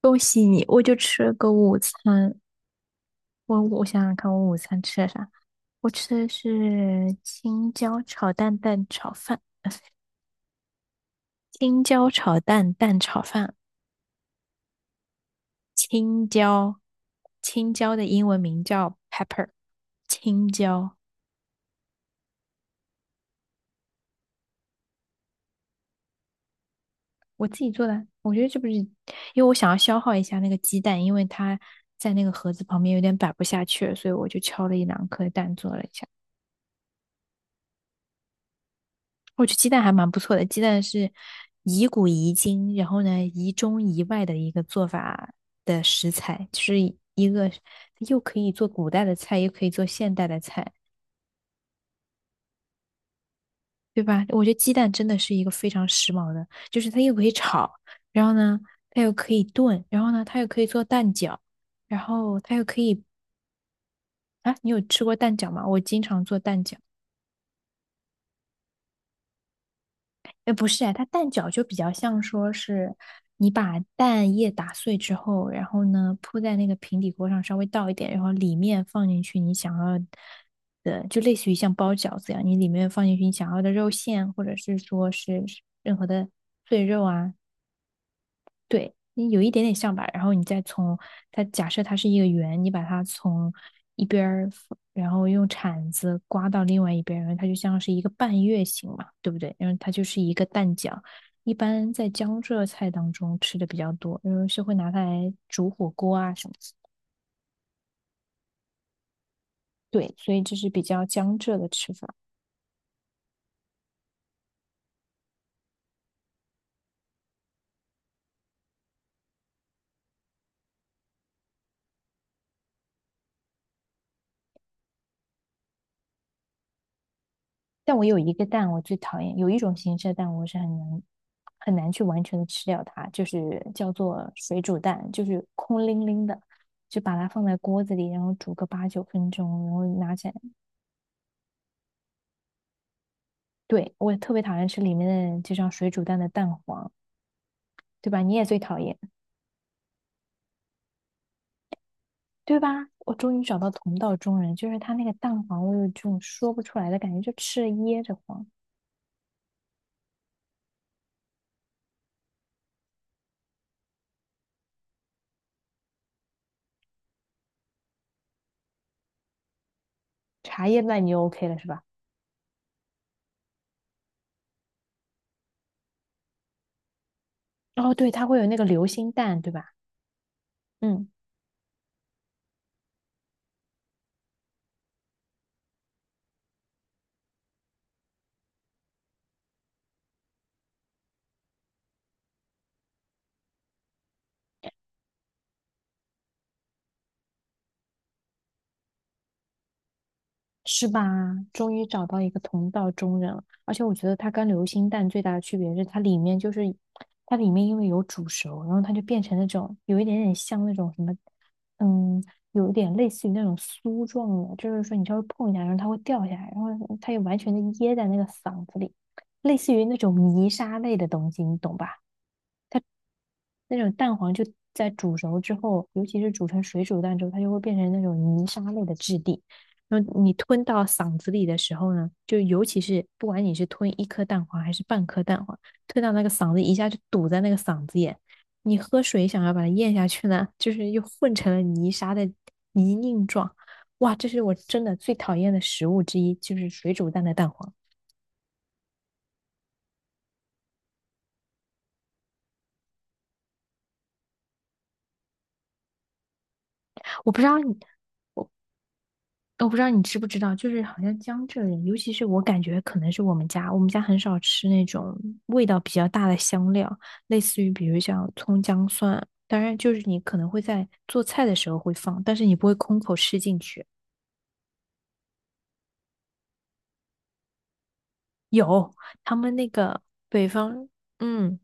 恭喜你，我就吃了个午餐。我想想看，我午餐吃了啥？我吃的是青椒炒蛋蛋炒饭，青椒炒蛋蛋炒饭，青椒，青椒的英文名叫 pepper，青椒，我自己做的。我觉得这不是，因为我想要消耗一下那个鸡蛋，因为它在那个盒子旁边有点摆不下去了，所以我就敲了一两颗蛋做了一下。我觉得鸡蛋还蛮不错的，鸡蛋是宜古宜今，然后呢宜中宜外的一个做法的食材，就是一个又可以做古代的菜，又可以做现代的菜，对吧？我觉得鸡蛋真的是一个非常时髦的，就是它又可以炒，然后呢它又可以炖，然后呢它又可以做蛋饺，然后它又可以啊，你有吃过蛋饺吗？我经常做蛋饺。哎，不是哎，它蛋饺就比较像说是你把蛋液打碎之后，然后呢铺在那个平底锅上，稍微倒一点，然后里面放进去你想要的，就类似于像包饺子一样，你里面放进去你想要的肉馅，或者是说是任何的碎肉啊，对，你有一点点像吧，然后你再从它假设它是一个圆，你把它从一边儿然后用铲子刮到另外一边儿然后它就像是一个半月形嘛，对不对？然后它就是一个蛋饺，一般在江浙菜当中吃的比较多，因为是会拿它来煮火锅啊什么的。对，所以这是比较江浙的吃法。但我有一个蛋，我最讨厌有一种形式的蛋，我是很难很难去完全的吃掉它，就是叫做水煮蛋，就是空拎拎的，就把它放在锅子里，然后煮个八九分钟，然后拿起来。对，我特别讨厌吃里面的这张水煮蛋的蛋黄，对吧？你也最讨厌，对吧？我终于找到同道中人，就是它那个蛋黄，我有这种说不出来的感觉，就吃了噎着慌。茶叶蛋你就 OK 了是吧？哦，对，它会有那个流心蛋，对吧？嗯。是吧？终于找到一个同道中人了，而且我觉得它跟流心蛋最大的区别是，它里面就是它里面因为有煮熟，然后它就变成那种有一点点像那种什么，嗯，有一点类似于那种酥状的，就是说你稍微碰一下，然后它会掉下来，然后它又完全的噎在那个嗓子里，类似于那种泥沙类的东西，你懂吧？那种蛋黄就在煮熟之后，尤其是煮成水煮蛋之后，它就会变成那种泥沙类的质地。然后你吞到嗓子里的时候呢，就尤其是不管你是吞一颗蛋黄还是半颗蛋黄，吞到那个嗓子一下就堵在那个嗓子眼，你喝水想要把它咽下去呢，就是又混成了泥沙的泥泞状。哇，这是我真的最讨厌的食物之一，就是水煮蛋的蛋黄。我不知道你我不知道你知不知道，就是好像江浙人，尤其是我感觉可能是我们家，我们家很少吃那种味道比较大的香料，类似于比如像葱姜蒜，当然就是你可能会在做菜的时候会放，但是你不会空口吃进去。有，他们那个北方，嗯，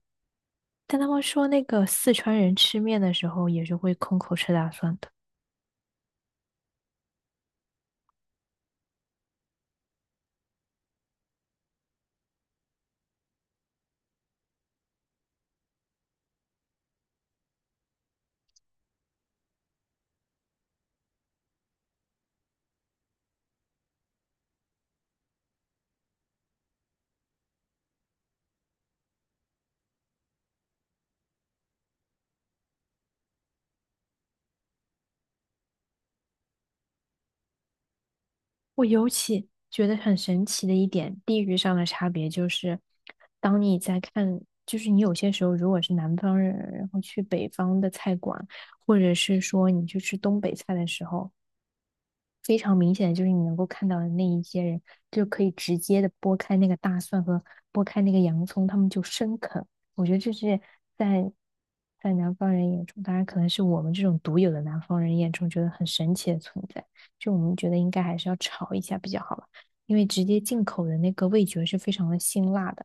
但他们说那个四川人吃面的时候也是会空口吃大蒜的。我尤其觉得很神奇的一点，地域上的差别就是，当你在看，就是你有些时候如果是南方人，然后去北方的菜馆，或者是说你去吃东北菜的时候，非常明显的就是你能够看到的那一些人，就可以直接的剥开那个大蒜和剥开那个洋葱，他们就生啃。我觉得这是在在南方人眼中，当然可能是我们这种独有的南方人眼中觉得很神奇的存在。就我们觉得应该还是要炒一下比较好吧，因为直接进口的那个味觉是非常的辛辣的。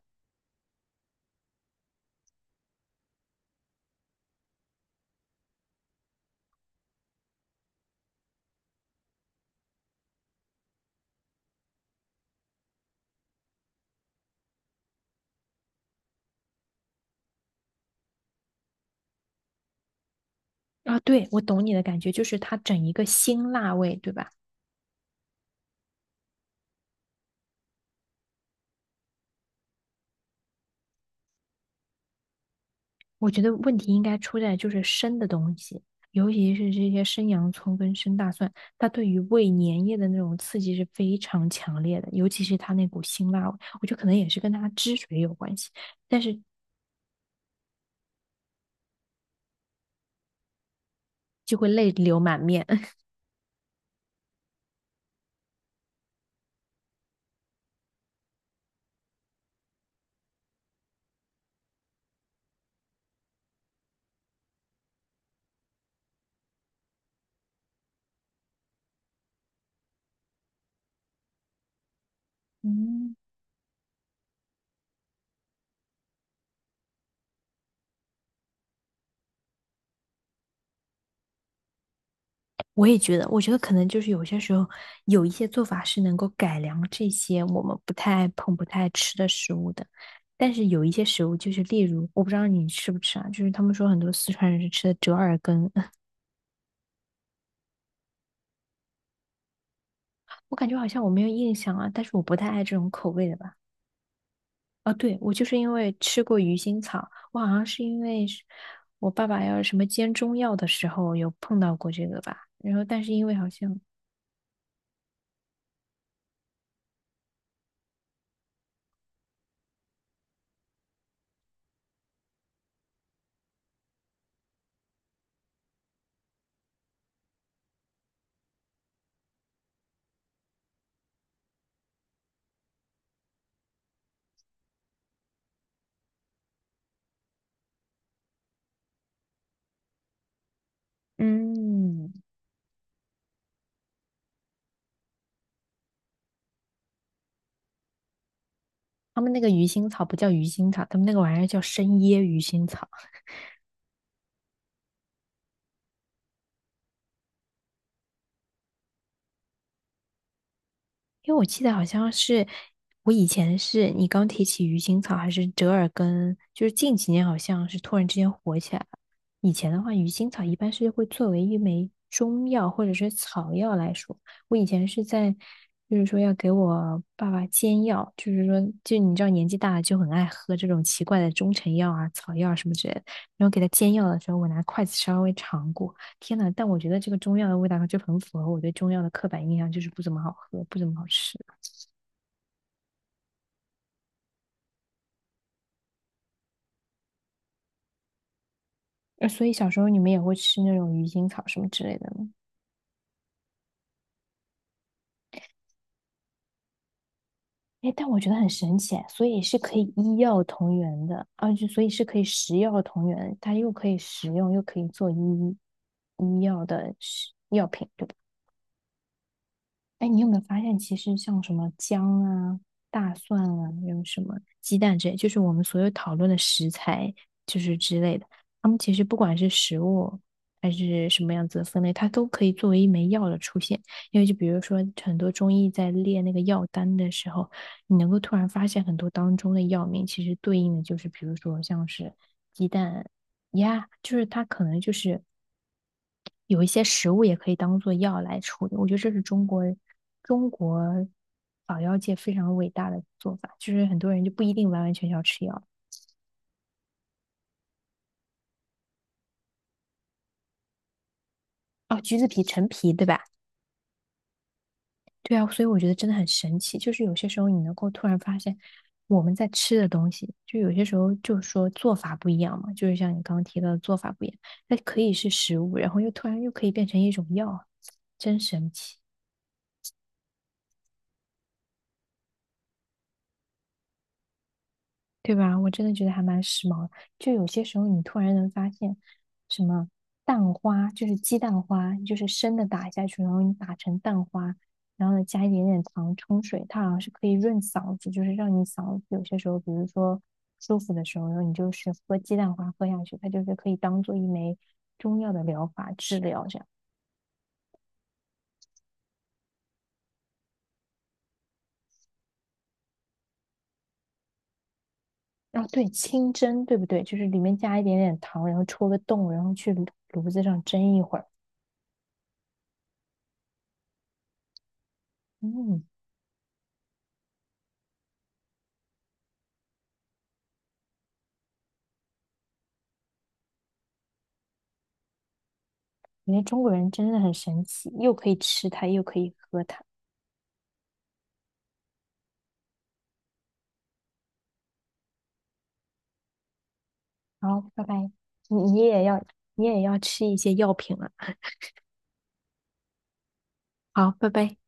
啊，对，我懂你的感觉，就是它整一个辛辣味，对吧？我觉得问题应该出在就是生的东西，尤其是这些生洋葱跟生大蒜，它对于胃粘液的那种刺激是非常强烈的，尤其是它那股辛辣味，我觉得可能也是跟它汁水有关系，但是就会泪流满面。嗯，我也觉得，我觉得可能就是有些时候有一些做法是能够改良这些我们不太爱碰、不太爱吃的食物的，但是有一些食物就是例如，我不知道你吃不吃啊，就是他们说很多四川人是吃的折耳根。我感觉好像我没有印象啊，但是我不太爱这种口味的吧。哦，对，我就是因为吃过鱼腥草，我好像是因为是我爸爸要什么煎中药的时候有碰到过这个吧。然后，但是因为好像，嗯，他们那个鱼腥草不叫鱼腥草，他们那个玩意儿叫生椰鱼腥草。因为我记得好像是我以前是你刚提起鱼腥草还是折耳根，就是近几年好像是突然之间火起来了。以前的话，鱼腥草一般是会作为一枚中药或者是草药来说。我以前是在就是说要给我爸爸煎药，就是说就你知道年纪大了就很爱喝这种奇怪的中成药啊、草药啊什么之类的。然后给他煎药的时候，我拿筷子稍微尝过，天呐，但我觉得这个中药的味道就很符合我对中药的刻板印象，就是不怎么好喝，不怎么好吃。所以小时候你们也会吃那种鱼腥草什么之类的吗？哎，但我觉得很神奇，所以是可以医药同源的，啊，就所以是可以食药同源，它又可以食用，又可以做医药的食药品，对吧？哎，你有没有发现，其实像什么姜啊、大蒜啊，还有什么鸡蛋之类，就是我们所有讨论的食材，就是之类的，它们其实不管是食物还是什么样子的分类，它都可以作为一枚药的出现。因为就比如说，很多中医在列那个药单的时候，你能够突然发现很多当中的药名，其实对应的就是，比如说像是鸡蛋呀，就是它可能就是。有一些食物也可以当做药来处理。我觉得这是中国草药界非常伟大的做法，就是很多人就不一定完完全全要吃药。哦，橘子皮、陈皮，对吧？对啊，所以我觉得真的很神奇，就是有些时候你能够突然发现我们在吃的东西，就有些时候就是说做法不一样嘛，就是像你刚刚提到的做法不一样，它可以是食物，然后又突然又可以变成一种药，真神奇。对吧？我真的觉得还蛮时髦的。就有些时候，你突然能发现，什么蛋花，就是鸡蛋花，就是生的打下去，然后你打成蛋花，然后呢加一点点糖冲水，它好像是可以润嗓子，就是让你嗓子有些时候，比如说舒服的时候，然后你就是喝鸡蛋花喝下去，它就是可以当做一枚中药的疗法治疗这样。啊，对，清蒸，对不对？就是里面加一点点糖，然后戳个洞，然后去炉子上蒸一会儿。嗯，我觉得中国人真的很神奇，又可以吃它，又可以喝它。好，拜拜。你你也要你也要吃一些药品了。好，拜拜。